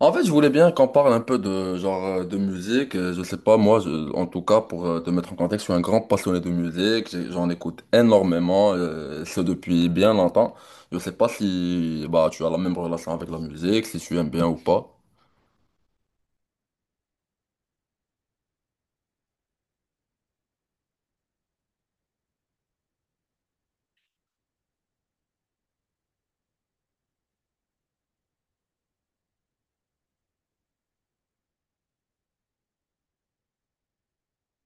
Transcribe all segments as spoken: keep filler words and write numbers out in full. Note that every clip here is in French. En fait, je voulais bien qu'on parle un peu de genre euh, de musique. Euh, Je sais pas, moi, je- en tout cas, pour euh, te mettre en contexte, je suis un grand passionné de musique. J'ai- J'en écoute énormément, euh, ce depuis bien longtemps. Je sais pas si bah tu as la même relation avec la musique, si tu aimes bien ou pas.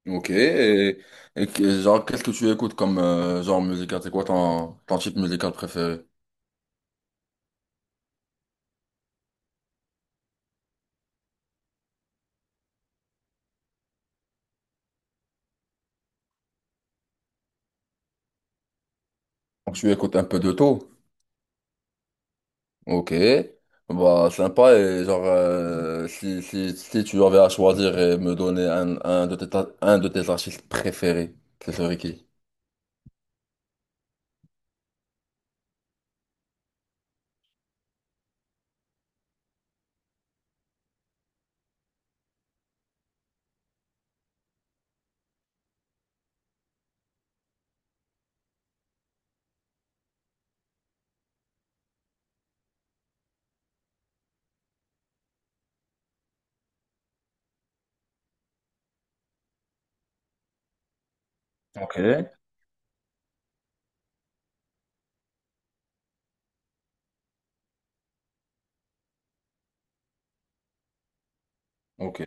Ok. Et, et que- genre, qu'est-ce que tu écoutes comme euh, genre musical? C'est quoi ton, ton type musical préféré? Donc, tu écoutes un peu de tout. Ok, bah sympa et genre euh, si, si, si tu avais à choisir et me donner un, un de tes, un de tes artistes préférés, ce serait qui? Ok. Ok.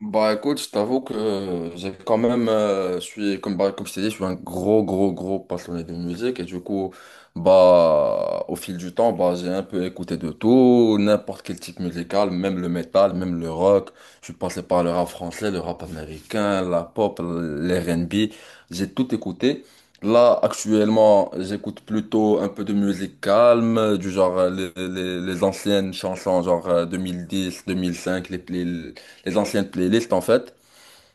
Bah écoute, je t'avoue que euh, j'ai quand même, euh, je suis, comme, bah, comme je t'ai dit, je suis un gros, gros, gros passionné de musique et du coup, bah, au fil du temps, bah, j'ai un peu écouté de tout, n'importe quel type musical, même le métal, même le rock. Je suis passé par le rap français, le rap américain, la pop, l'R and B, j'ai tout écouté. Là, actuellement, j'écoute plutôt un peu de musique calme, du genre euh, les, les, les anciennes chansons, genre euh, deux mille dix, deux mille cinq, les, playlists les anciennes playlists en fait.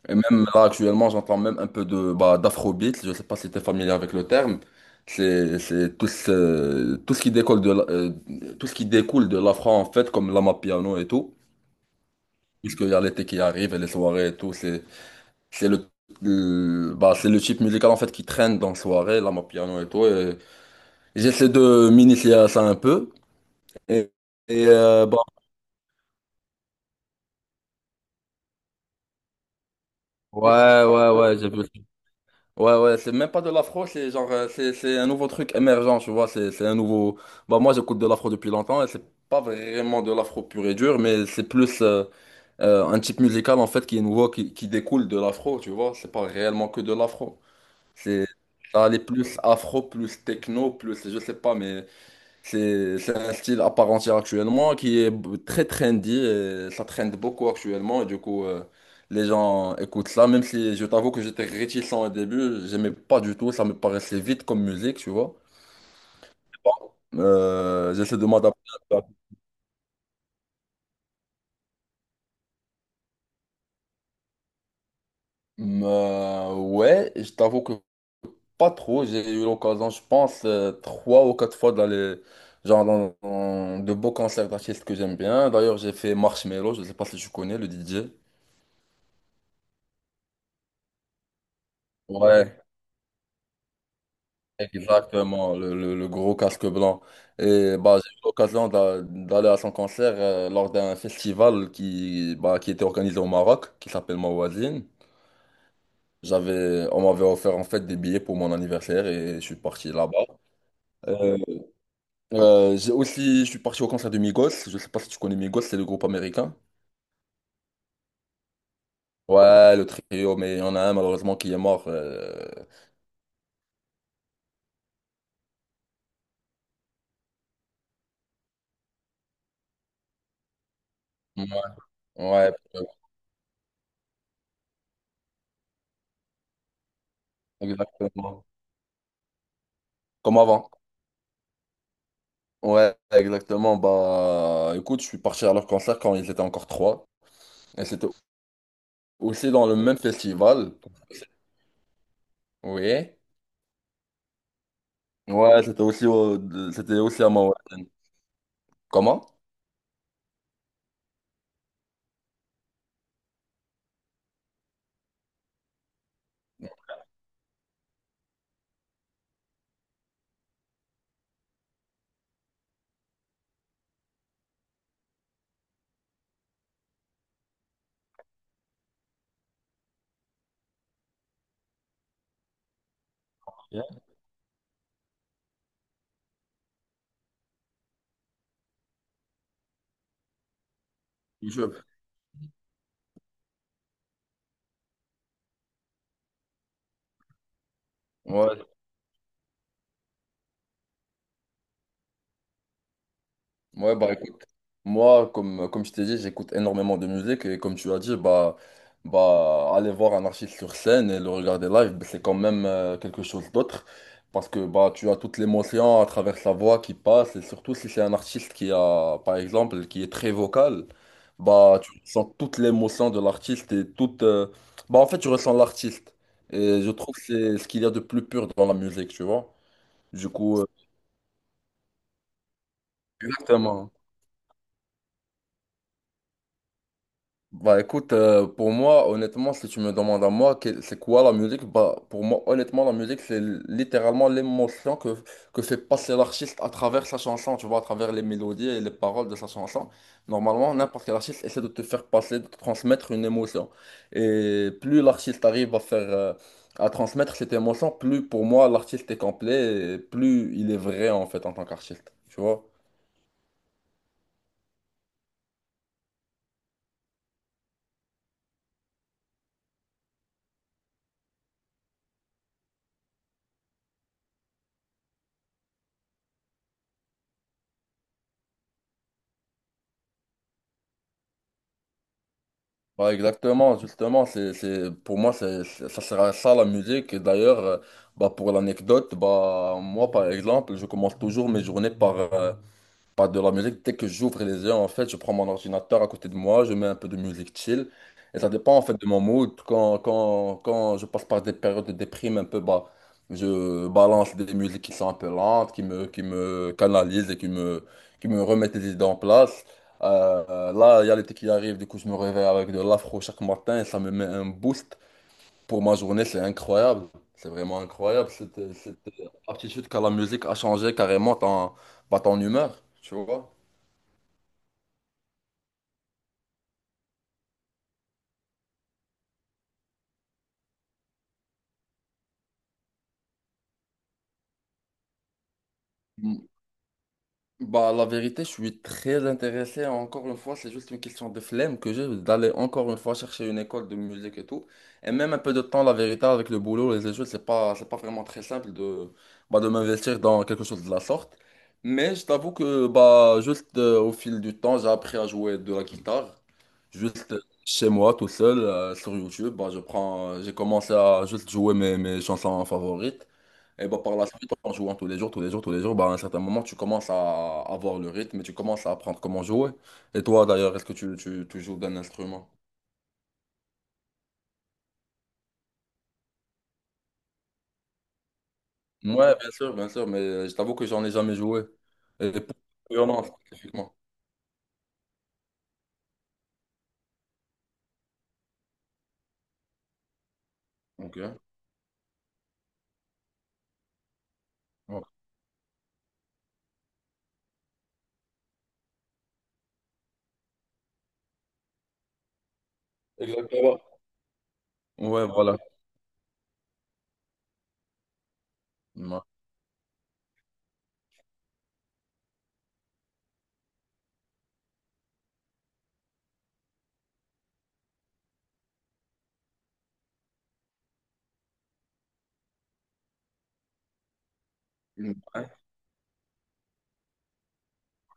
Et même là actuellement, j'entends même un peu de bah, d'afrobeat. Je sais pas si tu es familier avec le terme. C'est c'est tout ce, tout ce qui découle de la- euh, tout ce qui découle de l'afro en fait, comme l'amapiano et tout. Puisqu'il y a l'été qui arrive et les soirées et tout, c'est c'est le, le- bah, c'est le type musical en fait qui traîne dans les soirées, l'amapiano et tout. Et j'essaie de m'initier à ça un peu. Et, et, euh, bah, ouais, ouais, ouais, j'ai vu. Ouais, ouais, c'est même pas de l'afro, c'est genre, euh, c'est, c'est un nouveau truc émergent, tu vois, c'est, c'est un nouveau. Bah, moi, j'écoute de l'afro depuis longtemps, et c'est pas vraiment de l'afro pur et dur, mais c'est plus euh, euh, un type musical, en fait, qui est nouveau, qui, qui découle de l'afro, tu vois, c'est pas réellement que de l'afro. C'est... Ça allait plus afro, plus techno, plus, je sais pas, mais c'est c'est un style à part entière actuellement qui est b- très trendy et ça trend beaucoup actuellement. Et du coup, euh, les gens écoutent ça, même si je t'avoue que j'étais réticent au début, j'aimais pas du tout, ça me paraissait vite comme musique, tu vois. Bon, euh, j'essaie de m'adapter un peu. Euh, ouais, je t'avoue que pas trop. J'ai eu l'occasion, je pense, euh, trois ou quatre fois d'aller genre dans, dans de beaux concerts d'artistes que j'aime bien. D'ailleurs, j'ai fait Marshmello, je sais pas si tu connais le D J. Ouais. Exactement, le, le- le gros casque blanc. Et bah, j'ai eu l'occasion d'a- d'aller à son concert euh, lors d'un festival qui, bah, qui était organisé au Maroc, qui s'appelle Mawazine. J'avais, on m'avait offert en fait des billets pour mon anniversaire et je suis parti là-bas. Euh, euh, j'ai aussi, je suis parti au concert de Migos. Je sais pas si tu connais Migos, c'est le groupe américain. Ouais, le trio, mais il y en a un malheureusement qui est mort. euh, Ouais, ouais, exactement. Comme avant. Ouais, exactement. Bah, écoute, je suis parti à leur concert quand ils étaient encore trois. Et c'était aussi dans le même festival. Oui. Ouais, c'était aussi au- c'était aussi à Manhattan. Comment? Yeah. Je- Ouais, ouais, bah écoute, moi, comme, comme je t'ai dit, j'écoute énormément de musique et comme tu as dit, bah, bah aller voir un artiste sur scène et le regarder live, bah, c'est quand même euh, quelque chose d'autre parce que bah, tu as toute l'émotion à travers sa voix qui passe et surtout si c'est un artiste qui a, par exemple, qui est très vocal, bah tu ressens toute l'émotion de l'artiste et toute. Euh, bah en fait, tu ressens l'artiste et je trouve que c'est ce qu'il y a de plus pur dans la musique, tu vois. Du coup, euh, exactement. Bah écoute, euh, pour moi, honnêtement, si tu me demandes à moi, que- c'est quoi la musique? Bah pour moi, honnêtement, la musique, c'est littéralement l'émotion que, que fait passer l'artiste à travers sa chanson, tu vois, à travers les mélodies et les paroles de sa chanson. Normalement, n'importe quel artiste essaie de te faire passer, de te transmettre une émotion. Et plus l'artiste arrive à faire, euh, à transmettre cette émotion, plus pour moi, l'artiste est complet et plus il est vrai en fait en tant qu'artiste, tu vois? Bah exactement, justement, c'est, c'est, pour moi, c'est, c'est- ça sera ça la musique. Et d'ailleurs, euh, bah, pour l'anecdote, bah, moi, par exemple, je commence toujours mes journées par, euh, pas de la musique. Dès que j'ouvre les yeux, en fait, je prends mon ordinateur à côté de moi, je mets un peu de musique chill. Et ça dépend, en fait, de mon mood. Quand, quand, quand je passe par des périodes de déprime un peu, bah, je balance des musiques qui sont un peu lentes, qui me, qui me canalisent et qui me, qui me, remettent les idées en place. Euh, euh, là, il y a l'été qui arrive, du coup, je me réveille avec de l'afro chaque matin et ça me met un boost pour ma journée. C'est incroyable. C'est vraiment incroyable. Cette, cette aptitude qu'a la musique à changer carrément ton, bah, ton humeur, tu vois. Mm. Bah, la vérité, je suis très intéressé. Encore une fois, c'est juste une question de flemme que j'ai d'aller encore une fois chercher une école de musique et tout. Et même un peu de temps, la vérité, avec le boulot et les études, c'est pas, c'est pas vraiment très simple de, bah, de m'investir dans quelque chose de la sorte. Mais je t'avoue que, bah, juste euh, au fil du temps, j'ai appris à jouer de la guitare. Juste euh, chez moi, tout seul, euh, sur YouTube, bah, je prends, j'ai commencé à juste jouer mes, mes chansons favorites. Et bah, par la suite, en jouant tous les jours, tous les jours, tous les jours, bah, à un certain moment, tu commences à avoir le rythme et tu commences à apprendre comment jouer. Et toi, d'ailleurs, est-ce que tu, tu, tu joues d'un instrument? Ouais, bien sûr, bien sûr, mais euh, je t'avoue que j'en ai jamais joué. Et pour le violon, spécifiquement. Ok. Ouais. Exactement. Ouais, voilà. Ouais.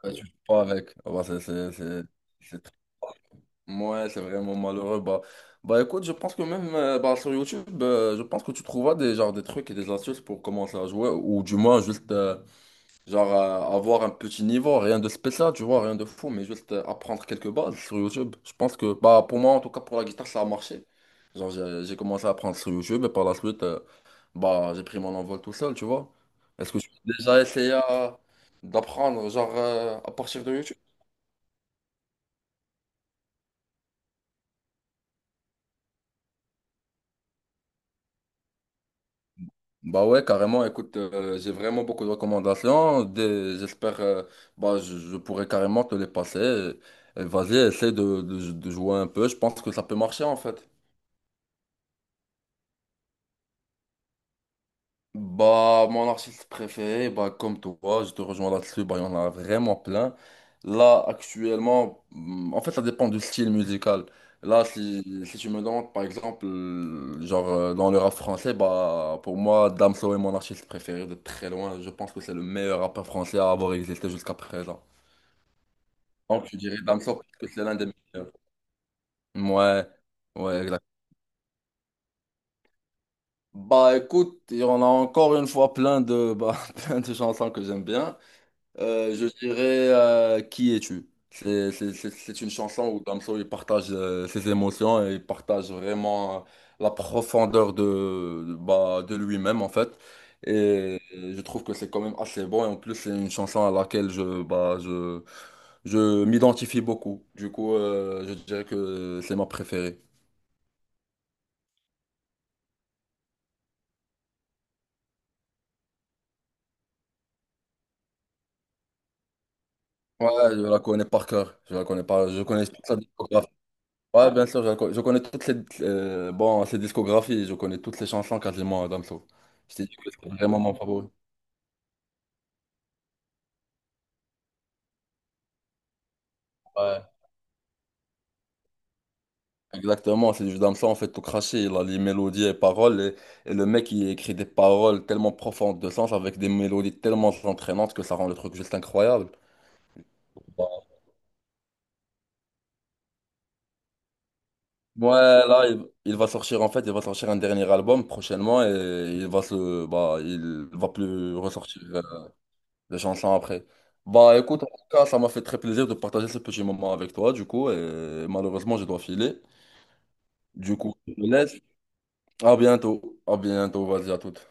Ouais, tu joues pas avec. Ouais, c'est c'est- c'est- c'est triste. Ouais, c'est vraiment malheureux. Bah, bah écoute, je pense que même euh, bah, sur YouTube, euh, je pense que tu trouveras des, genre, des trucs et des astuces pour commencer à jouer, ou du moins juste euh, genre euh, avoir un petit niveau, rien de spécial, tu vois, rien de fou, mais juste euh, apprendre quelques bases sur YouTube. Je pense que bah pour moi, en tout cas pour la guitare, ça a marché. Genre j'ai j'ai commencé à apprendre sur YouTube et par la suite, euh, bah j'ai pris mon envol tout seul, tu vois. Est-ce que tu as déjà essayé à- d'apprendre genre euh, à partir de YouTube? Bah ouais, carrément. Écoute, euh, j'ai vraiment beaucoup de recommandations. Des- J'espère, euh, bah, je, je pourrais carrément te les passer. Et- et Vas-y, essaie de, de- de jouer un peu. Je pense que ça peut marcher en fait. Bah, mon artiste préféré, bah, comme toi, je te rejoins là-dessus, bah, il y en a vraiment plein. Là, actuellement, hmm, en fait, ça dépend du style musical. Là, si, si tu me demandes, par exemple, euh, genre, euh, dans le rap français, bah, pour moi, Damso est mon artiste préféré de très loin. Je pense que c'est le meilleur rappeur français à avoir existé jusqu'à présent. Donc, je dirais Damso parce que c'est l'un des meilleurs. Ouais, ouais, exact. Bah, écoute, il y en a encore une fois plein de, bah, plein de chansons que j'aime bien. Euh, je dirais euh, Qui es-tu? C'est c'est- c'est- c'est une chanson où Damso il partage euh, ses émotions et il partage vraiment euh, la profondeur de, de- bah, de lui-même en fait. Et euh, je trouve que c'est quand même assez bon et en plus c'est une chanson à laquelle je, bah, je, je m'identifie beaucoup. Du coup, euh, je dirais que c'est ma préférée. Ouais, je la connais par cœur. Je la connais pas. Je connais toute sa discographie. Ouais, bien sûr, je, la co- je connais toutes les, euh, bon, ses discographies, je connais toutes les chansons quasiment à Damso. Je t'ai dit que c'est vraiment mon favori. Ouais, exactement, c'est du Damso en fait tout craché, il a les mélodies et paroles, et, et le mec il écrit des paroles tellement profondes de sens avec des mélodies tellement entraînantes que ça rend le truc juste incroyable. Bah, ouais, là, il, il va sortir en fait, il va sortir un dernier album prochainement et il va se, bah, il va plus ressortir des chansons après. Bah écoute, en tout cas, ça m'a fait très plaisir de partager ce petit moment avec toi, du coup, et malheureusement, je dois filer. Du coup, je te laisse. À bientôt, à bientôt, vas-y, à toute.